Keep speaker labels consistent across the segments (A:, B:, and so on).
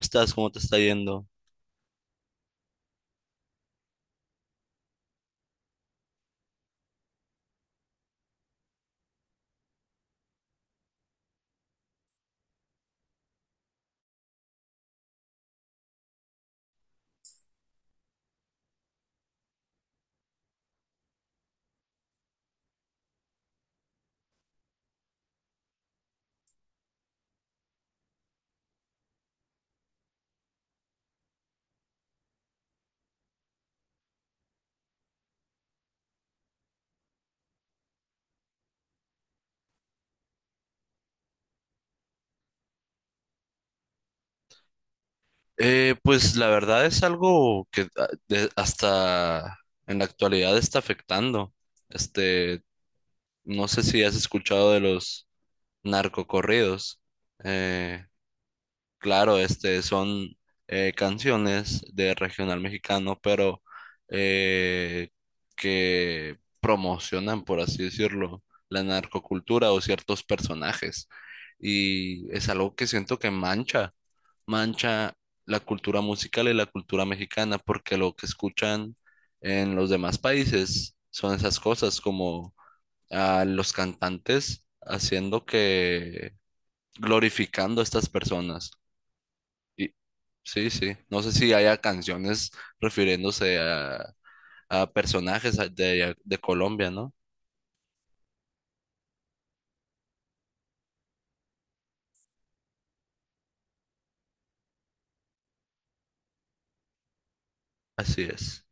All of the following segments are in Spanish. A: Estás? ¿Cómo te está yendo? Pues la verdad es algo que hasta en la actualidad está afectando. Este, no sé si has escuchado de los narcocorridos. Eh, claro, son canciones de regional mexicano, pero eh, que promocionan, por así decirlo, la narcocultura o ciertos personajes. Y es algo que siento que mancha la cultura musical y la cultura mexicana, porque lo que escuchan en los demás países son esas cosas, como a los cantantes glorificando a estas personas. Y sí, sí, no sé si haya canciones refiriéndose a personajes de Colombia, ¿no? Así es.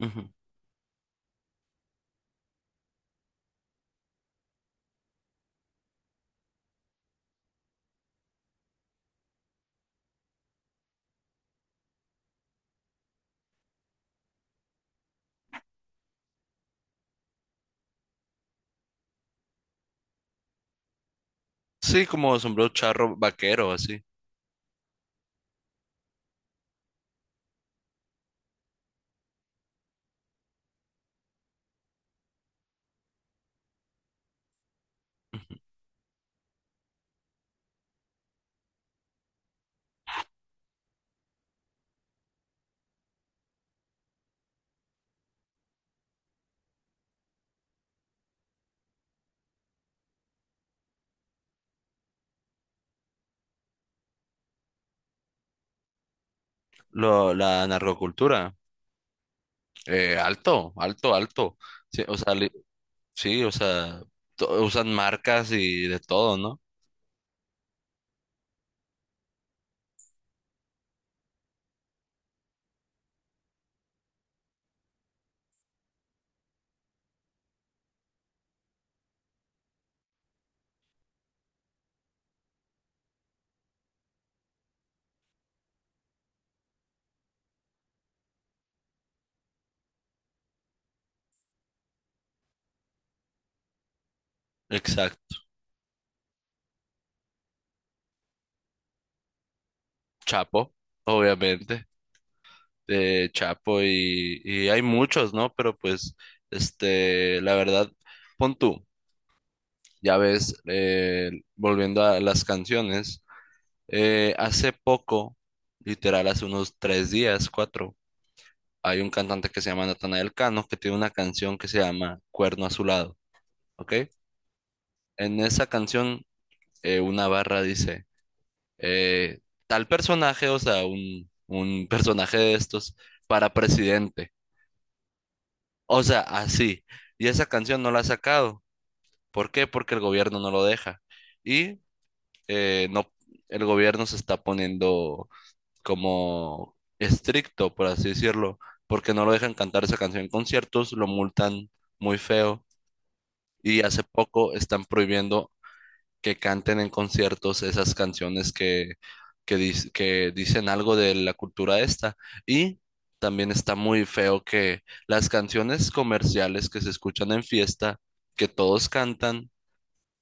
A: Ujú. Sí, como sombrero charro vaquero, así. La narcocultura. Alto, alto, alto. Sí, o sea, li- Sí, o sea, to- usan marcas y de todo, ¿no? Exacto. Chapo, obviamente, de Chapo y hay muchos, ¿no? Pero pues, la verdad, pon tú, ya ves, volviendo a las canciones, hace poco, literal, hace unos tres días, cuatro, hay un cantante que se llama Natanael Cano que tiene una canción que se llama Cuerno Azulado, ¿ok? En esa canción, una barra dice... eh, tal personaje, o sea, un personaje de estos para presidente. O sea, así. Y esa canción no la ha sacado. ¿Por qué? Porque el gobierno no lo deja. Y no, el gobierno se está poniendo como estricto, por así decirlo, porque no lo dejan cantar esa canción en conciertos, lo multan muy feo. Y hace poco están prohibiendo que canten en conciertos esas canciones que dicen algo de la cultura esta. Y también está muy feo que las canciones comerciales que se escuchan en fiesta, que todos cantan,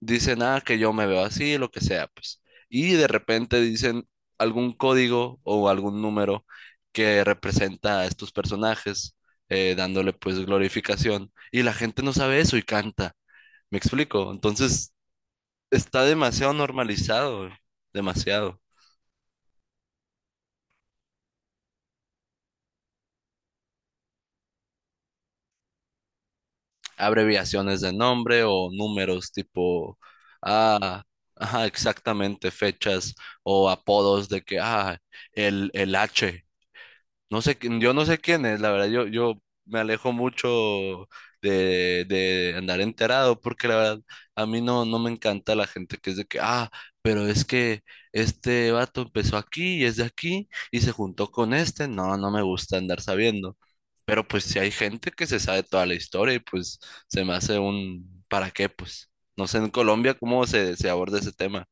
A: dicen, ah, que yo me veo así, lo que sea, pues. Y de repente dicen algún código o algún número que representa a estos personajes, dándole pues glorificación. Y la gente no sabe eso y canta. ¿Me explico? Entonces está demasiado normalizado, güey, demasiado. Abreviaciones de nombre o números tipo, ah, ajá, exactamente, fechas o apodos de que, ah, el H. No sé, yo no sé quién es, la verdad, yo me alejo mucho de andar enterado, porque la verdad, a mí no, no me encanta la gente que es de que, ah, pero es que este vato empezó aquí y es de aquí y se juntó con este, no, no me gusta andar sabiendo, pero pues si hay gente que se sabe toda la historia y pues se me hace un, ¿para qué? Pues no sé en Colombia cómo se aborda ese tema.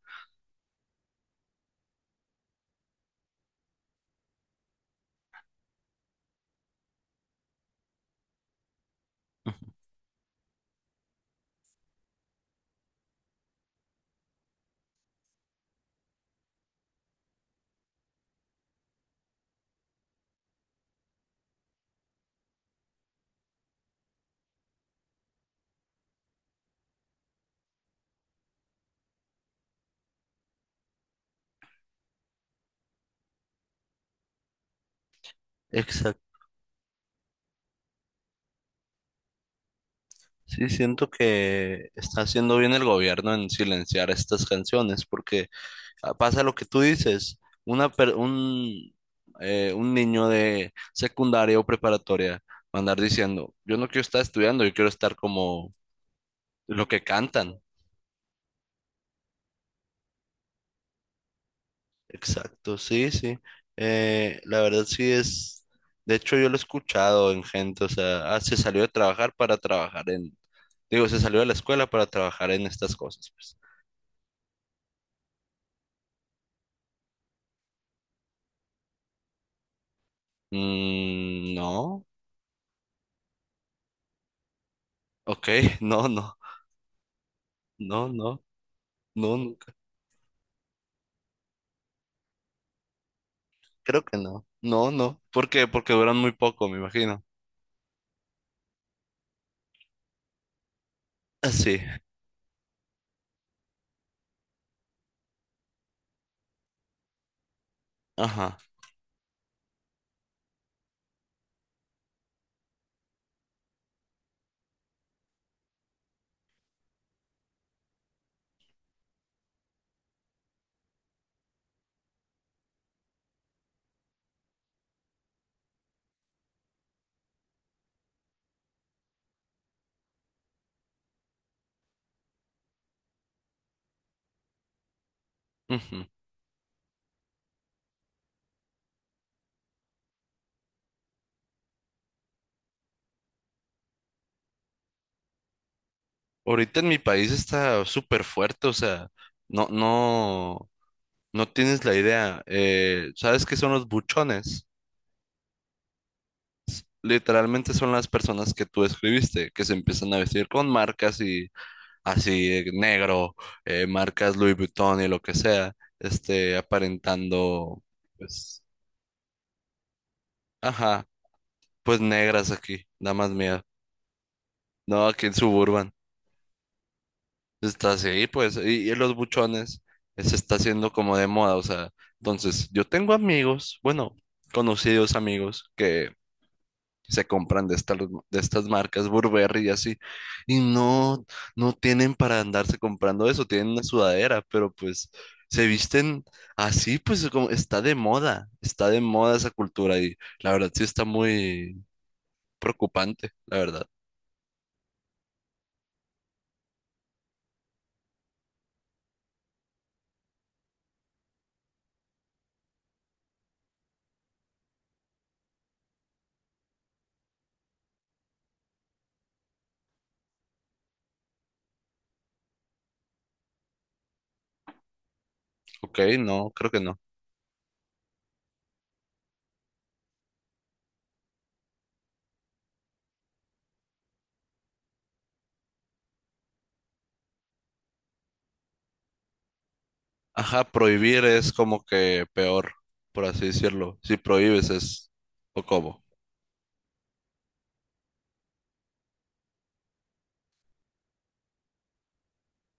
A: Sí, siento que está haciendo bien el gobierno en silenciar estas canciones, porque ah, pasa lo que tú dices, una per- un, un niño de secundaria o preparatoria va a andar diciendo, yo no quiero estar estudiando, yo quiero estar como lo que cantan. Exacto, sí, sí. La verdad sí es, de hecho yo lo he escuchado en gente, o sea, ah, se salió de trabajar para trabajar en, digo, se salió de la escuela para trabajar en estas cosas, pues. Mm, no. Ok, no, no, no, no, no, nunca. Creo que no. No, no. ¿Por qué? Porque duran muy poco, me imagino. Ah, sí, ajá. Ujú. Ahorita en mi país está súper fuerte, o sea, no, no, no tienes la idea. ¿Sabes qué son los buchones? Literalmente son las personas que tú escribiste, que se empiezan a vestir con marcas y así, negro, marcas Louis Vuitton y lo que sea, aparentando, pues, ajá. Pues negras aquí, da más miedo. No, aquí en Suburban está así, pues, y los buchones se está haciendo como de moda, o sea, entonces yo tengo amigos, bueno, conocidos amigos que se compran de estas marcas Burberry y así, y no, no tienen para andarse comprando eso, tienen una sudadera, pero pues se visten así, pues como está de moda esa cultura y la verdad sí está muy preocupante, la verdad. Ok, no, creo que no. Ajá, prohibir es como que peor, por así decirlo. Si prohíbes es, o cómo.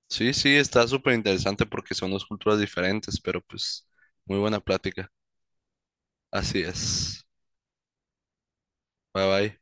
A: Sí, sí, está súper interesante porque son dos culturas diferentes, pero pues muy buena plática. Así es. Bye bye.